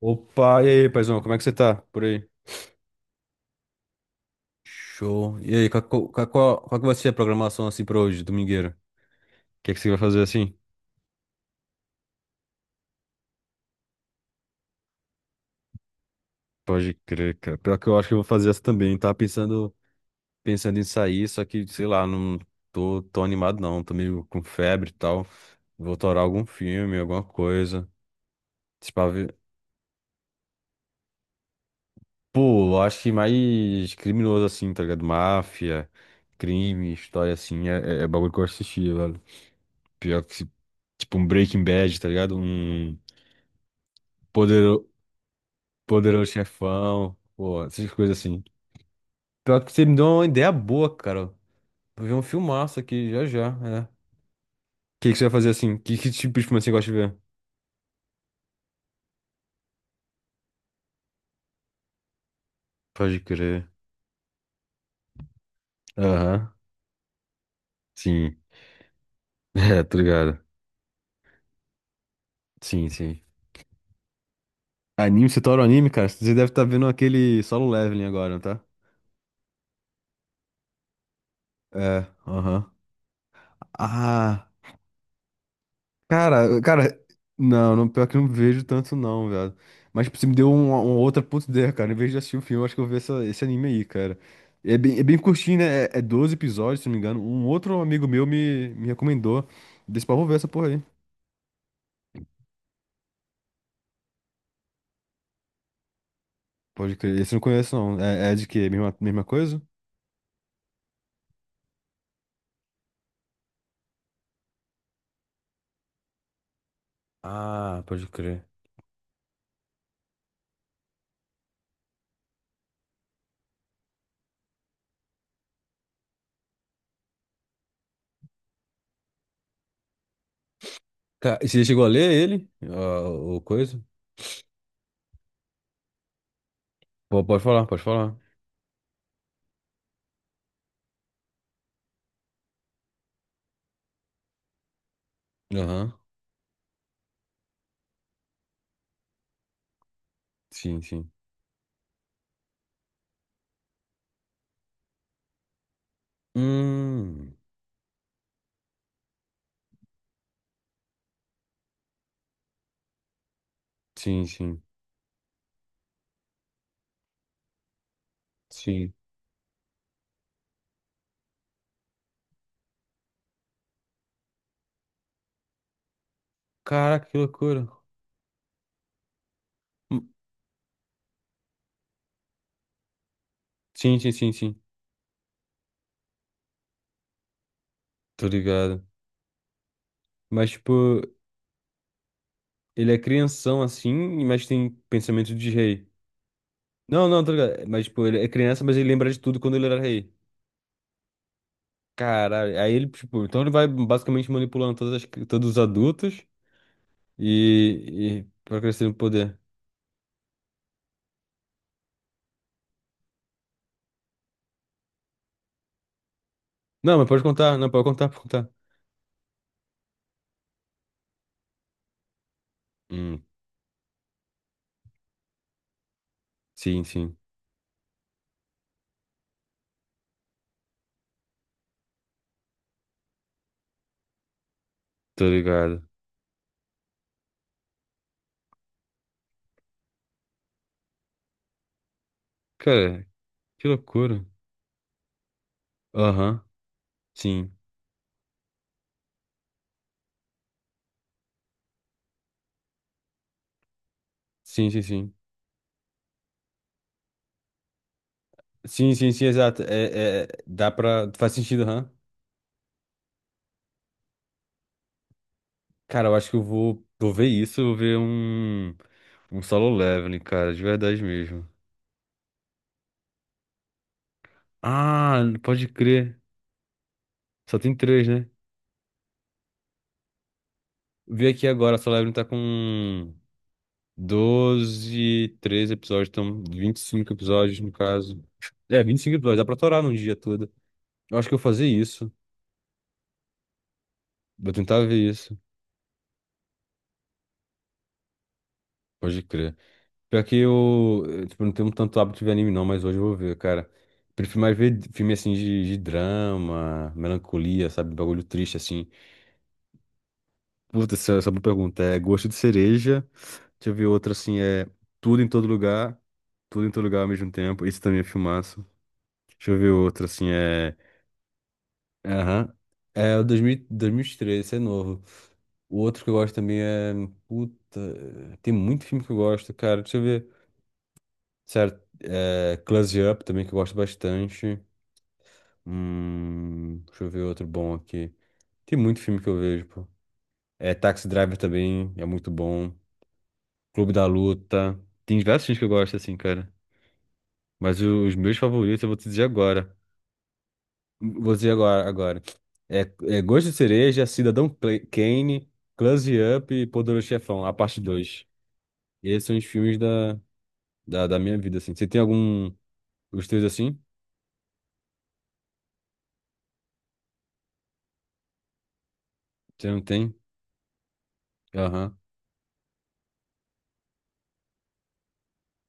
Opa, e aí, paizão, como é que você tá por aí? Show. E aí, qual que vai ser a programação assim pra hoje, domingueira? O que é que você vai fazer assim? Pode crer, cara. Pior que eu acho que eu vou fazer essa também. Tava pensando em sair, só que, sei lá, não tô animado não. Tô meio com febre e tal. Vou torar algum filme, alguma coisa. Tipo, pô, eu acho que mais criminoso assim, tá ligado? Máfia, crime, história assim, é bagulho que eu assisti, velho. Pior que, tipo, um Breaking Bad, tá ligado? Um Podero- Poderoso Chefão, pô, essas coisas assim. Pior que você me deu uma ideia boa, cara. Vou ver um filmaço aqui já já, é. O que você vai fazer assim? Que tipo de filme você gosta de ver? Pode crer. Aham, sim. É, tá ligado. Sim, sim. Anime, você torna anime, cara? Você deve estar vendo aquele Solo Leveling agora, tá? É, aham. Ah. Cara, cara, não, não, pior que eu não vejo tanto não, velho. Mas tipo, você me deu uma outra puta ideia, cara. Em vez de assistir o filme, eu acho que eu vou ver esse anime aí, cara. É bem curtinho, né? É 12 episódios, se não me engano. Um outro amigo meu me recomendou. Desse pra eu ver essa porra aí. Pode crer. Esse eu não conheço, não. É de quê? Mesma coisa? Ah, pode crer. E você chegou a ler ele? Ah, o coisa? Pô, pode falar, pode falar. Aham. Sim, sim. Hum, sim, sim. Sim. Caraca, que loucura. Sim, sim, sim, sim. Tô ligado. Mas, tipo, ele é crianção assim, mas tem pensamento de rei. Não, não, tô ligado. Mas, tipo, ele é criança, mas ele lembra de tudo quando ele era rei. Caralho. Aí ele, tipo, então ele vai basicamente manipulando todas as todos os adultos e pra crescer no poder. Não, mas pode contar, não, pode contar, pode contar. Hum, sim, sim. Tô ligado. Cara, que loucura. Aham, sim. Sim, sim, sim. Sim, sim, sim, exato. Dá pra. Faz sentido, aham. Cara, eu acho que eu vou ver isso, eu vou ver um solo leveling, cara, de verdade mesmo. Ah, pode crer. Só tem três, né? Vi aqui agora, solo leveling tá com 12 13 episódios, então 25 episódios no caso. É, 25 episódios, dá pra torar num dia todo. Eu acho que eu vou fazer isso. Vou tentar ver isso. Pode crer. Pior que eu, tipo, não tenho tanto hábito de anime não, mas hoje eu vou ver, cara. Prefiro mais ver filme assim de drama, melancolia, sabe? Bagulho triste assim. Puta, essa é uma boa pergunta. É Gosto de Cereja. Deixa eu ver outra assim, é tudo em todo lugar, tudo em todo lugar ao mesmo tempo. Isso também é filmaço. Deixa eu ver outra assim, é. Aham. É o 2000 2003, esse é novo. O outro que eu gosto também é. Puta, tem muito filme que eu gosto, cara. Deixa eu ver. Sério, é Close Up também que eu gosto bastante. Deixa eu ver outro bom aqui. Tem muito filme que eu vejo, pô. É Taxi Driver também, é muito bom. Clube da Luta. Tem diversos filmes que eu gosto, assim, cara. Mas os meus favoritos eu vou te dizer agora. Vou dizer agora, agora. É, é Gosto de Cereja, Cidadão Kane, Close Up e Poderoso Chefão, a parte 2. Esses são os filmes da minha vida, assim. Você tem algum... Os teus, assim? Você não tem? Aham,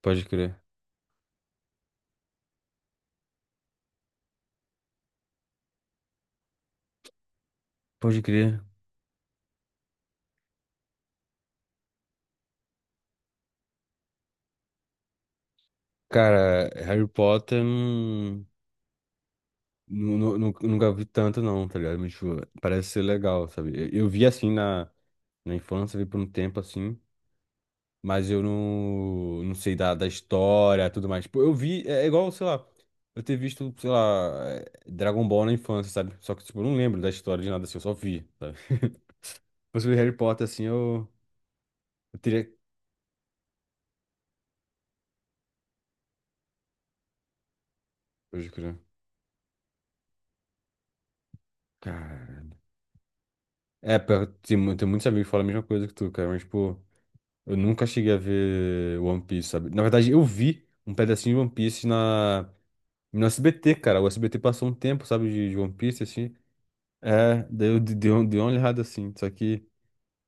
pode crer. Pode crer. Cara, Harry Potter... Nunca vi tanto, não, tá ligado? Mas, tipo, parece ser legal, sabe? Eu vi assim na infância, vi por um tempo assim, mas eu não, sei da história, tudo mais. Tipo, eu vi, é igual, sei lá, eu ter visto, sei lá, Dragon Ball na infância, sabe? Só que, tipo, eu não lembro da história de nada assim, eu só vi, sabe? Mas se vi Harry Potter assim, eu teria. Hoje, cara. Cara. É, tem, tem muitos amigos que falam a mesma coisa que tu, cara, mas, tipo, eu nunca cheguei a ver One Piece, sabe? Na verdade, eu vi um pedacinho de One Piece na. No SBT, cara, o SBT passou um tempo, sabe, de One Piece, assim. É, deu uma olhada assim, só que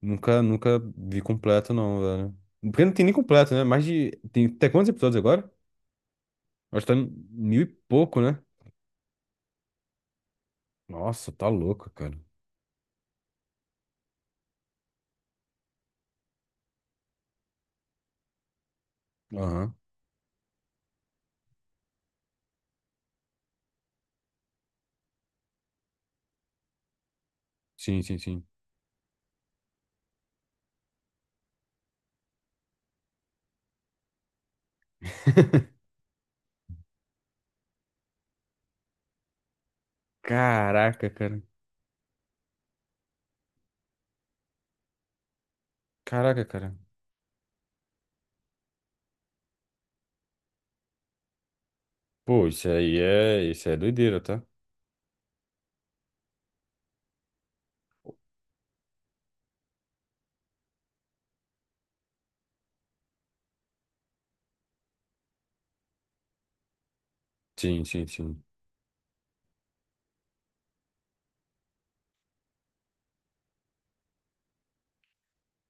nunca vi completo não, velho. Porque não tem nem completo, né? Mais de... Tem até quantos episódios agora? Acho que tá em mil e pouco, né? Nossa, tá louco, cara. Aham. Sim, sim, sim. Caraca, cara. Caraca, cara. Pô, isso é doideira, tá? Sim, sim, sim.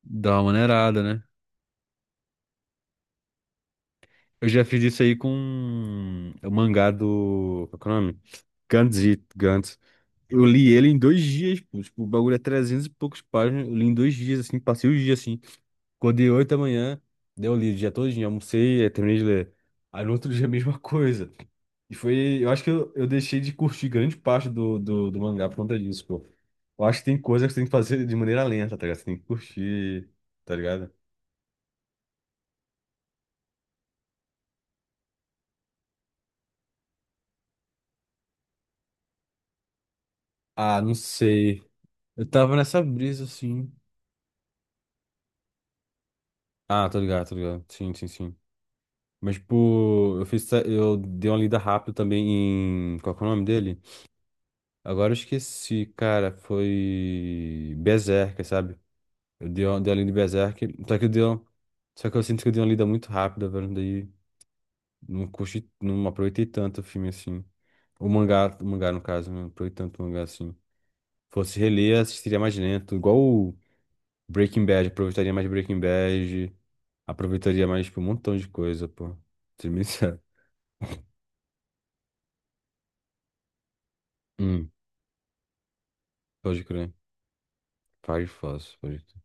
Dá uma maneirada, né? Eu já fiz isso aí com o mangá do. Qual que é o nome? Gantz. Eu li ele em 2 dias, pô. Tipo, o bagulho é 300 e poucos páginas. Eu li em 2 dias, assim, passei o dia, assim. Acordei 8 da manhã, deu li o dia todinho, almocei, aí terminei de ler. Aí no outro dia a mesma coisa. E foi. Eu acho que eu deixei de curtir grande parte do mangá por conta disso, pô. Eu acho que tem coisas que você tem que fazer de maneira lenta, tá ligado? Você tem que curtir, tá ligado? Ah, não sei. Eu tava nessa brisa, assim. Ah, tô ligado, tô ligado. Sim, sim, sim. Mas, tipo, eu dei uma lida rápida também Qual que é o nome dele? Agora eu esqueci, cara. Foi. Berserk, sabe? Eu dei uma lida em Berserk. Só que eu sinto que eu dei uma lida muito rápida, velho. Daí não curti, não aproveitei tanto o filme assim. O mangá, no caso, né, não aproveitei tanto o mangá assim. Fosse reler, assistiria mais lento. Igual o Breaking Bad, aproveitaria mais Breaking Bad. Aproveitaria mais, tipo, um montão de coisa, pô. Ser bem sincero. Hum, pode crer. Fire Fox, pode crer.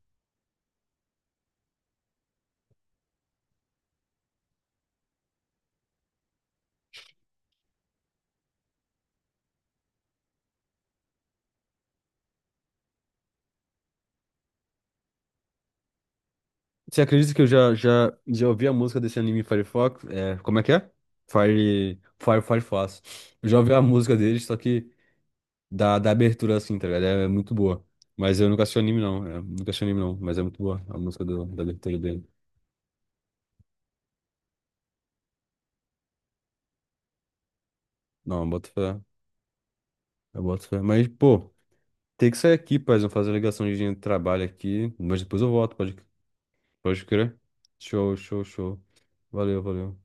Você acredita que eu já ouvi a música desse anime Fire Fox? É, como é que é? Fire, Fire Fox. Eu já ouvi a música dele, só que da abertura assim, tá ligado? É muito boa. Mas eu nunca assisti o anime, não. Nunca assisti o anime, não. Mas é muito boa a música da abertura dele. Não, eu boto fé. Eu boto fé. Mas, pô, tem que sair aqui, paz. Eu vou fazer a ligação de trabalho aqui. Mas depois eu volto, pode crer. Show, show, show. Valeu, valeu.